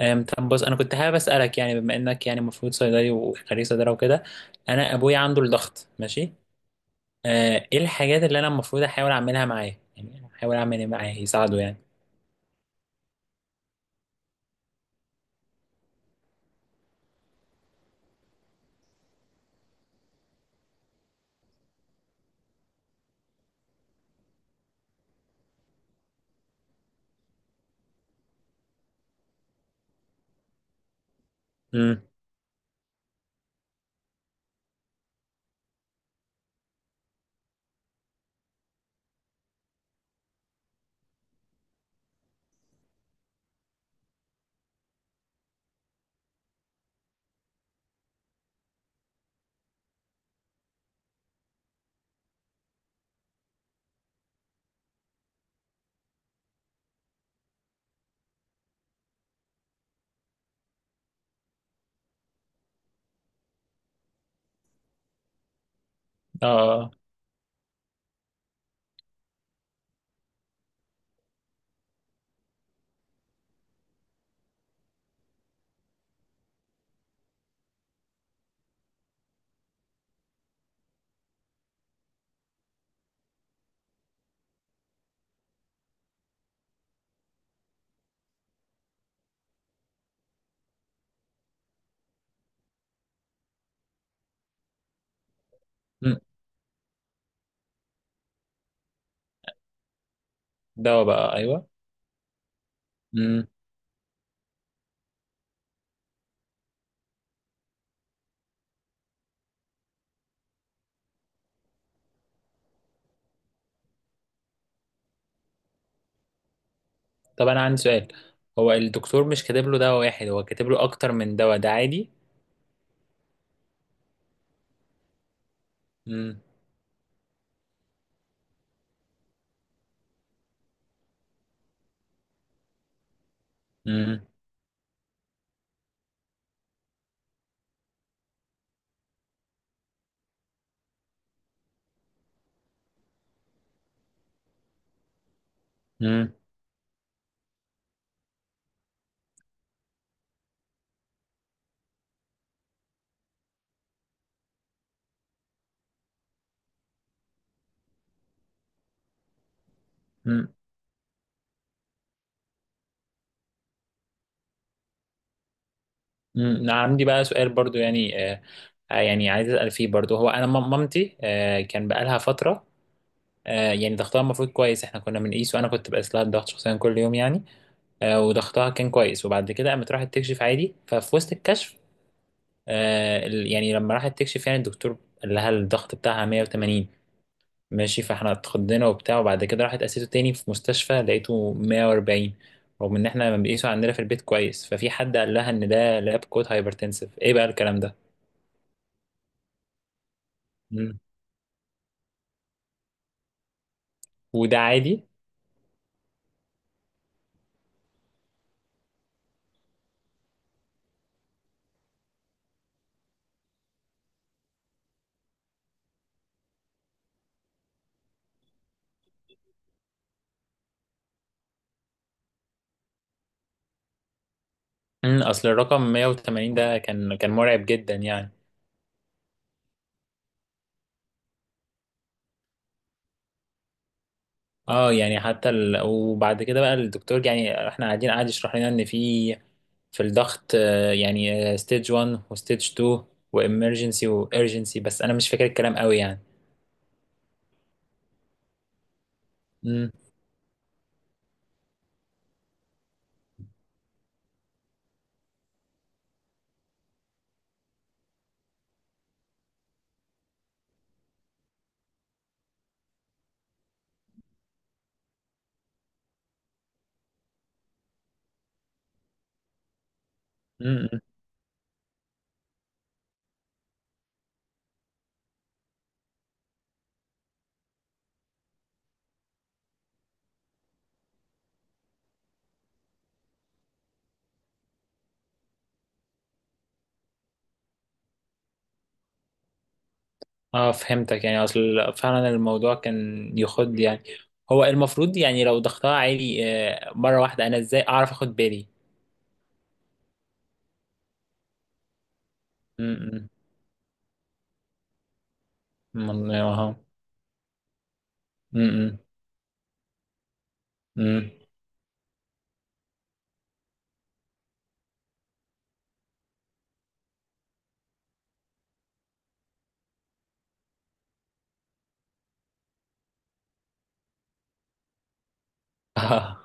طب بص انا كنت حابب اسالك يعني بما انك يعني المفروض صيدلي وخريج صيدله وكده. انا ابويا عنده الضغط ماشي. ايه الحاجات اللي انا المفروض احاول اعملها معاه، يعني احاول اعمل ايه معاه يساعده يعني؟ امم. اه. امم. دواء بقى، ايوه. امم. طب انا عندي سؤال. هو الدكتور مش كاتب له دواء واحد، هو كاتب له اكتر من دواء، ده عادي؟ امم. امم. امم. امم. أنا عندي بقى سؤال برضو يعني، يعني عايز اسال فيه برضو. هو انا مامتي، كان بقالها فتره. يعني ضغطها المفروض كويس، احنا كنا بنقيس وانا كنت بقيس لها الضغط شخصيا كل يوم يعني. وضغطها كان كويس، وبعد كده قامت راحت تكشف عادي. ففي وسط الكشف، يعني لما راحت تكشف، يعني الدكتور قال لها الضغط بتاعها 180. ماشي، فاحنا اتخضينا وبتاع، وبعد كده راحت قاسيته تاني في مستشفى لقيته 140، رغم ان احنا بنقيسه عندنا في البيت كويس. ففي حد قال لها ان ده لاب كود هايبرتنسيف، ايه بقى الكلام ده؟ مم. وده عادي؟ اصل الرقم 180 ده كان مرعب جدا يعني. اه، يعني حتى وبعد كده بقى الدكتور، يعني احنا قاعد يشرح لنا ان في الضغط، يعني ستيج 1 وستيج 2 وامرجنسي وارجنسي، بس انا مش فاكر الكلام قوي يعني. امم. امم. اه، فهمتك. يعني اصل فعلا الموضوع كان يخد يعني، هو المفروض يعني لو ضغطها عالي مرة واحدة، انا ازاي اعرف اخد بالي؟ امم اه امم. امم. اه.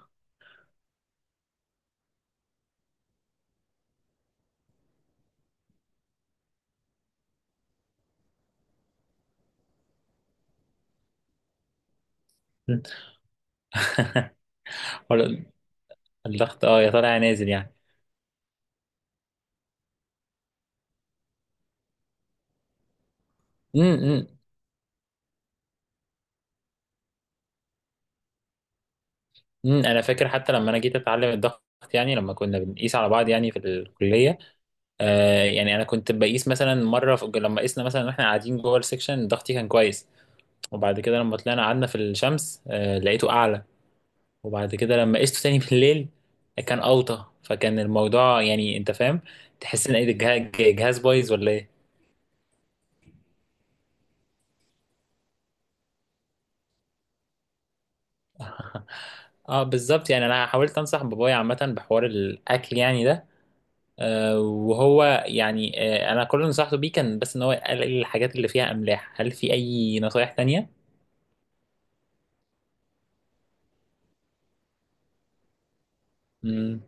ولا الضغط، اه، يا طالع يا نازل يعني. امم. امم. انا فاكر حتى لما انا جيت اتعلم الضغط، يعني لما كنا بنقيس على بعض يعني في الكليه. يعني انا كنت بقيس مثلا مره، في لما قيسنا مثلا واحنا قاعدين جوه السكشن ضغطي كان كويس. وبعد كده لما طلعنا قعدنا في الشمس، لقيته اعلى. وبعد كده لما قيسته تاني بالليل كان اوطى. فكان الموضوع، يعني انت فاهم، تحس ان ايه ده، الجهاز بايظ ولا ايه؟ اه، بالظبط. يعني انا حاولت انصح بابايا عامه بحوار الاكل يعني ده. وهو يعني، انا كل اللي نصحته بيه كان بس ان هو يقلل الحاجات اللي فيها املاح. هل في اي نصايح تانية؟ امم.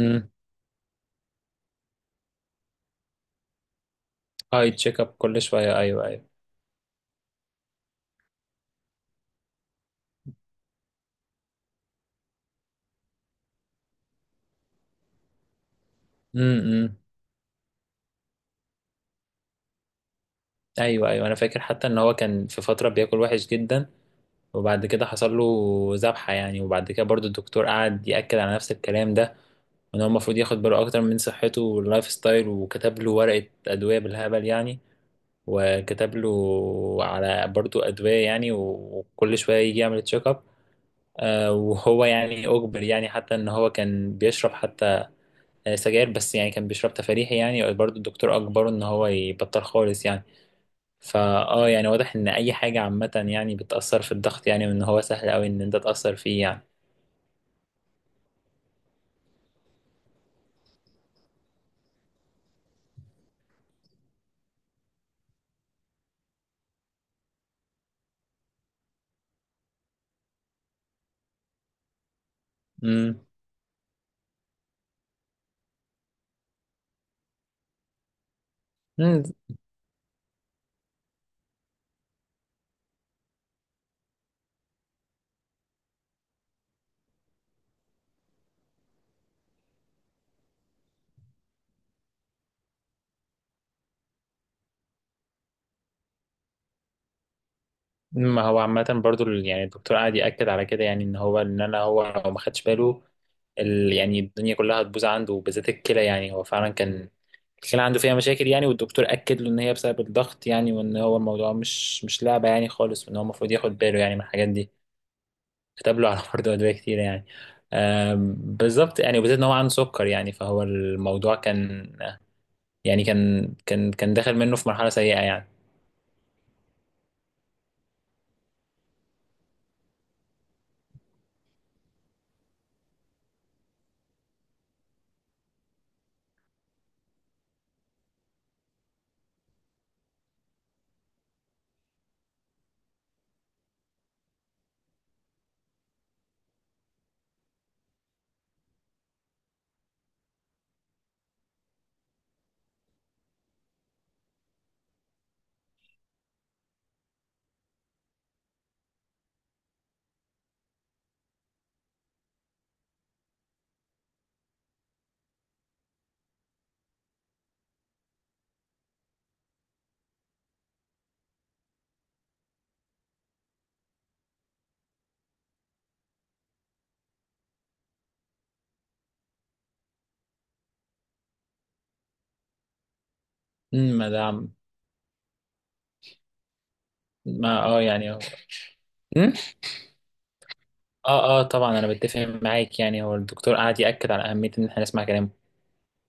امم. اي تشيك اب كل شويه، ايوه ايوه. امم. ايوه ايوه، انا فاكر حتى ان هو كان في فتره بياكل وحش جدا، وبعد كده حصل له ذبحه يعني. وبعد كده برضو الدكتور قعد ياكد على نفس الكلام ده، وان هو المفروض ياخد باله اكتر من صحته واللايف ستايل، وكتب له ورقه ادويه بالهبل يعني، وكتب له على برضو ادويه يعني، وكل شويه يجي يعمل تشيك اب. وهو يعني أجبر، يعني حتى إن هو كان بيشرب حتى سجاير، بس يعني كان بيشرب تفريحي يعني، برضه الدكتور أجبره إن هو يبطل خالص يعني. فآه يعني واضح إن أي حاجة عامة يعني بتأثر في الضغط يعني، وإن هو سهل أوي إن أنت تأثر فيه يعني. مم. مم. ما هو عامة برضه يعني الدكتور قاعد يأكد على كده يعني، إن هو إن أنا هو لو ما خدش باله، يعني الدنيا كلها هتبوظ عنده، وبالذات الكلى. يعني هو فعلا كان الكلى عنده فيها مشاكل يعني، والدكتور أكد له إن هي بسبب الضغط، يعني وإن هو الموضوع مش لعبة يعني خالص، وإن هو المفروض ياخد باله يعني من الحاجات دي. كتب له على برضه أدوية كتير يعني. بالظبط يعني، وبالذات إن هو عنده سكر يعني، فهو الموضوع كان يعني كان داخل منه في مرحلة سيئة يعني. ما ده، ما اه، يعني هو. أمم؟ اه اه طبعا، انا بتفق معاك يعني. هو الدكتور قعد يأكد على اهمية ان احنا نسمع كلامه.